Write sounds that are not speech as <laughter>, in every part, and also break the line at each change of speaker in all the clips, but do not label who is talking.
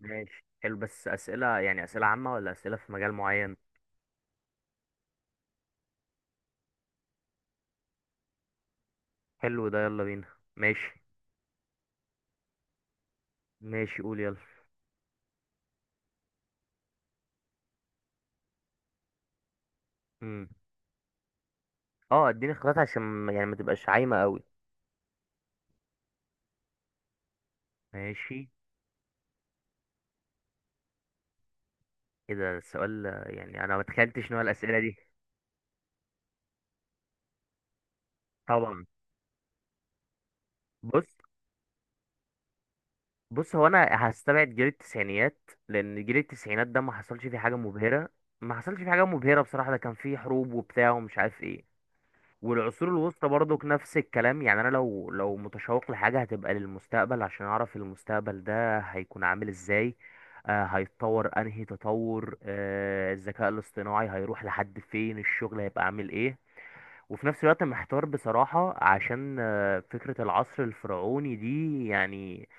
ماشي، حلو. بس أسئلة، يعني أسئلة عامة ولا أسئلة في مجال معين؟ حلو ده، يلا بينا. ماشي. ماشي، قول يلا. امم اه، اديني اختيارات عشان يعني ما تبقاش عايمة قوي. ماشي. ايه ده السؤال؟ يعني انا ما تخيلتش نوع الأسئلة دي. طبعا. بص بص، هو انا هستبعد جيل التسعينيات لان جيل التسعينات ده ما حصلش فيه حاجة مبهرة. ما حصلش فيه حاجة مبهرة بصراحة، ده كان فيه حروب وبتاع ومش عارف ايه. والعصور الوسطى برضك نفس الكلام. يعني انا لو متشوق لحاجه هتبقى للمستقبل عشان اعرف المستقبل ده هيكون عامل ازاي. هيتطور انهي تطور، الذكاء الاصطناعي هيروح لحد فين، الشغل هيبقى عامل ايه. وفي نفس الوقت محتار بصراحه، عشان فكره العصر الفرعوني دي، يعني.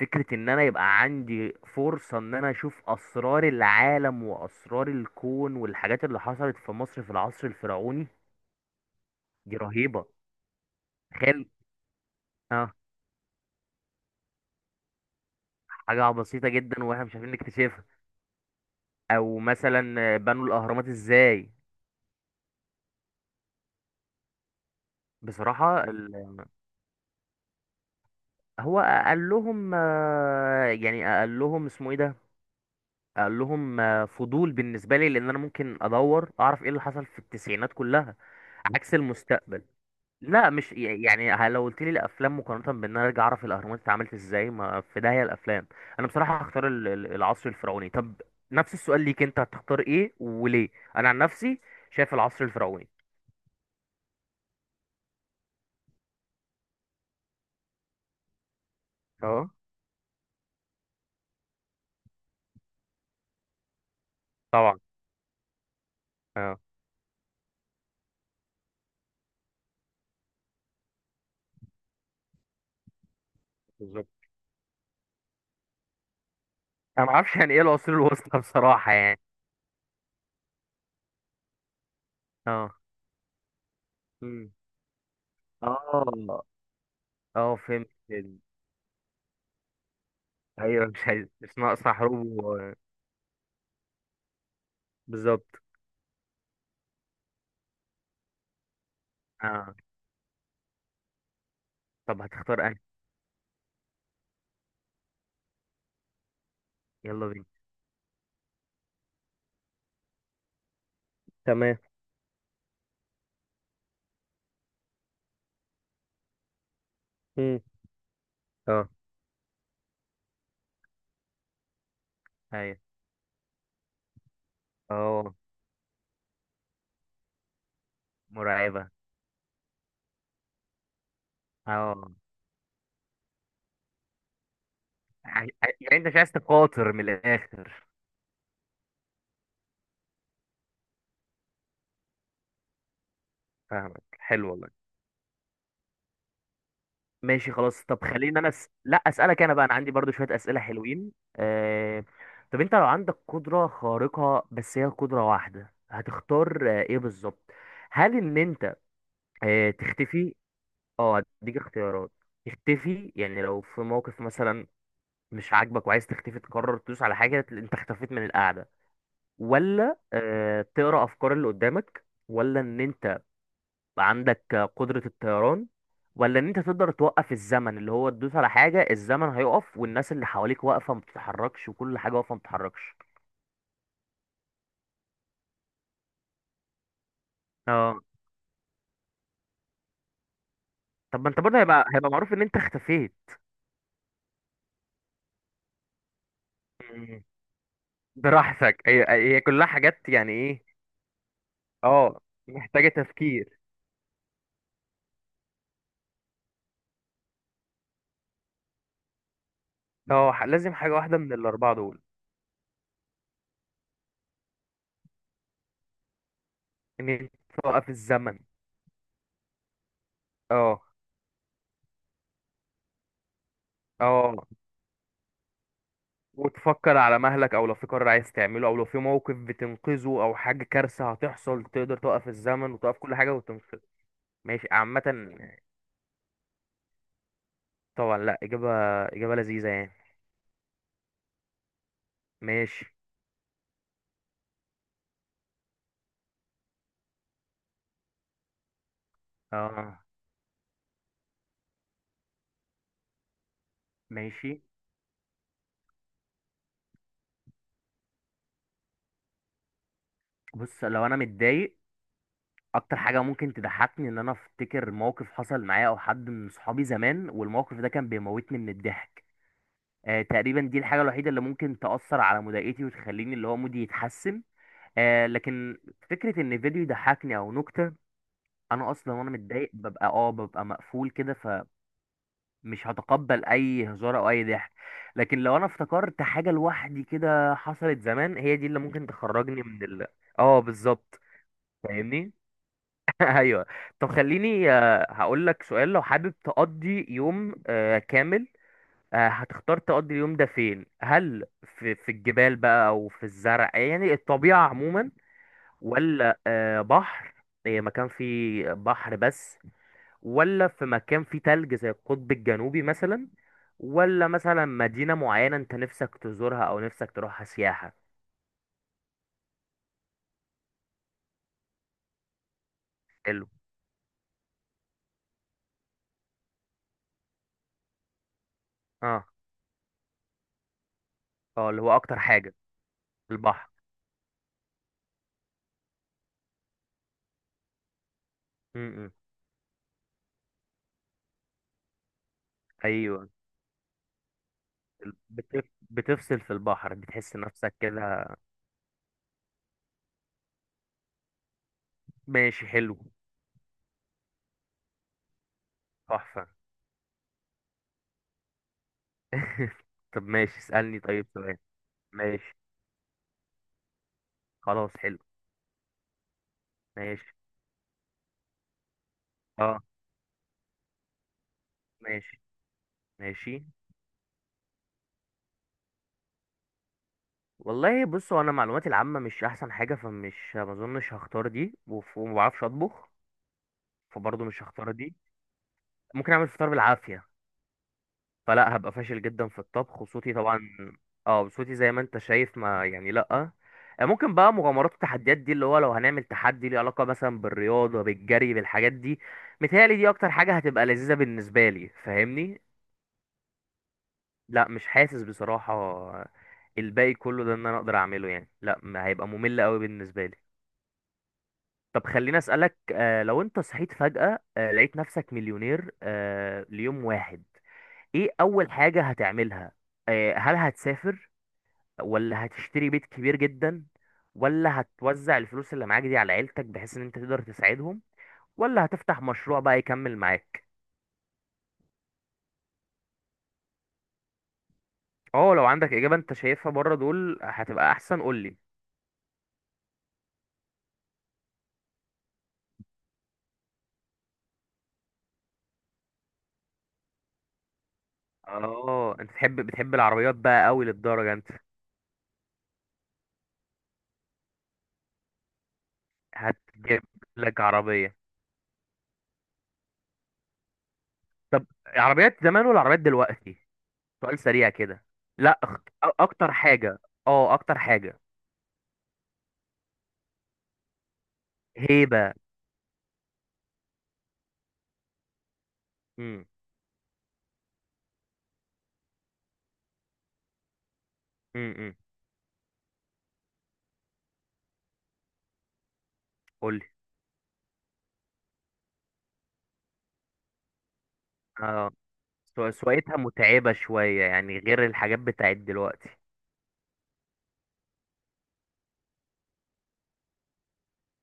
فكرة ان انا يبقى عندي فرصة ان انا اشوف اسرار العالم واسرار الكون والحاجات اللي حصلت في مصر في العصر الفرعوني. دي رهيبة، تخيل. اه، حاجة بسيطة جدا واحنا مش عارفين نكتشفها. او مثلا بنوا الاهرامات ازاي. بصراحة. هو قال لهم. يعني قال لهم اسمه ايه ده. قال لهم، فضول بالنسبة لي لان انا ممكن ادور اعرف ايه اللي حصل في التسعينات كلها. عكس المستقبل. لا، مش يعني لو قلت لي الافلام مقارنة بان انا ارجع اعرف الاهرامات اتعملت ازاي، ما في داهية الافلام. انا بصراحة هختار العصر الفرعوني. طب، نفس السؤال ليك، انت هتختار ايه وليه؟ انا عن نفسي شايف العصر الفرعوني. اه. طبعا. اه. بالظبط. انا ما اعرفش يعني ايه العصور الوسطى بصراحه، يعني. اه. امم. اه. اه، فهمت ايوه، مش عايز، مش ناقصه حروب بالظبط. اه، طب هتختار انهي؟ يلا بينا. تمام. مم. اه. ايوه. اه، مرعبه. اه، ع- ع- يعني انت مش عايز تقاتل من الاخر. فاهمك، حلو والله. ماشي خلاص. طب خليني انا لا، اسالك انا بقى. انا عندي برضو شويه اسئله حلوين طب انت لو عندك قدره خارقه، بس هي قدره واحده، هتختار ايه بالظبط؟ هل ان انت تختفي؟ اه، هديك اختيارات. تختفي يعني لو في موقف مثلا مش عاجبك وعايز تختفي، تقرر تدوس على حاجه تلاقي انت اختفيت من القعده. ولا تقرا افكار اللي قدامك، ولا ان انت عندك قدرة الطيران، ولا ان انت تقدر توقف الزمن، اللي هو تدوس على حاجة الزمن هيقف، والناس اللي حواليك واقفة ما بتتحركش، وكل حاجة واقفة ما بتتحركش. اه، طب ما انت برضه هيبقى معروف ان انت اختفيت. مم. براحتك. هي كلها حاجات، يعني ايه. اه، محتاجة تفكير. اه، لازم حاجة واحدة من الأربعة دول. إن أنت توقف الزمن. اه. اه، وتفكر على مهلك، او لو في قرار عايز تعمله، او لو في موقف بتنقذه، او حاجه كارثه هتحصل تقدر توقف الزمن وتوقف كل حاجه وتنقذه. ماشي، عامه. طبعا. لا، اجابه لذيذه يعني. ماشي. اه. ماشي. بص، لو انا متضايق، اكتر حاجه ممكن تضحكني ان انا افتكر موقف حصل معايا او حد من صحابي زمان، والموقف ده كان بيموتني من الضحك. تقريبا دي الحاجه الوحيده اللي ممكن تاثر على مضايقتي وتخليني اللي هو مودي يتحسن. لكن فكره ان فيديو يضحكني او نكته، انا اصلا وانا متضايق ببقى مقفول كده، فمش هتقبل اي هزار او اي ضحك. لكن لو انا افتكرت حاجه لوحدي كده حصلت زمان، هي دي اللي ممكن تخرجني من ال اه، بالظبط. فاهمني. <laughs> ايوه. طب خليني هقول لك سؤال. لو حابب تقضي يوم كامل، هتختار تقضي اليوم ده فين؟ هل في الجبال بقى، او في الزرع، يعني الطبيعه عموما، ولا بحر، مكان فيه بحر بس، ولا في مكان فيه تلج زي القطب الجنوبي مثلا، ولا مثلا مدينة معينة انت نفسك تزورها، او نفسك تروحها سياحة؟ حلو. اه. اه، اللي هو اكتر حاجة. البحر. امم. ايوه. ال- بتف... بتفصل في البحر، بتحس نفسك كده؟ ماشي، حلو، تحفة. <laughs> طب ماشي، اسألني طيب سؤال. ماشي، خلاص، حلو. ماشي. اه. ماشي. ماشي. والله بصوا، انا معلوماتي العامة مش احسن حاجة، فمش ما اظنش هختار دي. وما بعرفش اطبخ، فبرضه مش هختار دي. ممكن اعمل فطار بالعافيه. فلا، هبقى فاشل جدا في الطبخ. وصوتي طبعا. اه، صوتي زي ما انت شايف، ما يعني لا. ممكن بقى مغامرات والتحديات دي، اللي هو لو هنعمل تحدي ليه علاقه مثلا بالرياضه، بالجري، بالحاجات دي. متهيألي دي اكتر حاجه هتبقى لذيذه بالنسبه لي، فاهمني. لا، مش حاسس بصراحه. الباقي كله ده ان انا اقدر اعمله، يعني لا، ما هيبقى ممل قوي بالنسبه لي. طب خليني اسالك، لو انت صحيت فجاه، لقيت نفسك مليونير، ليوم واحد، ايه اول حاجة هتعملها؟ هل هتسافر؟ ولا هتشتري بيت كبير جدا؟ ولا هتوزع الفلوس اللي معاك دي على عيلتك بحيث ان انت تقدر تساعدهم؟ ولا هتفتح مشروع بقى يكمل معاك؟ اه، لو عندك اجابة انت شايفها بره دول هتبقى احسن، قولي. اه، انت بتحب العربيات بقى قوي للدرجة، انت هتجيب لك عربية. طب عربيات زمان ولا عربيات دلوقتي؟ سؤال سريع كده. لا، اكتر حاجة. اه، اكتر حاجة. هيبة. امم. امم. اه. سواقتها متعبة شوية، يعني غير الحاجات بتاعت دلوقتي.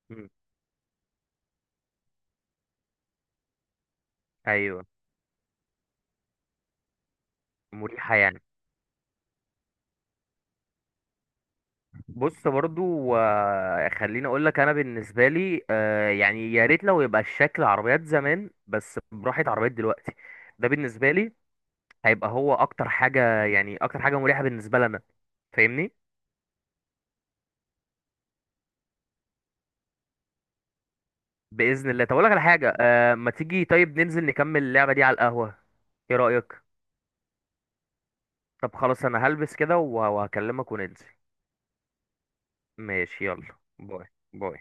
مم. ايوه، مريحة يعني. بص برضو، خليني اقول لك. انا بالنسبة لي، يعني يا ريت لو يبقى الشكل عربيات زمان بس براحة عربيات دلوقتي. ده بالنسبة لي هيبقى هو اكتر حاجة، يعني اكتر حاجة مريحة بالنسبة لنا. فاهمني. بإذن الله. طب اقول لك على حاجة، ما تيجي طيب ننزل نكمل اللعبة دي على القهوة، ايه رأيك؟ طب خلاص، انا هلبس كده وهكلمك وننزل. ماشي، يلا. باي. باي.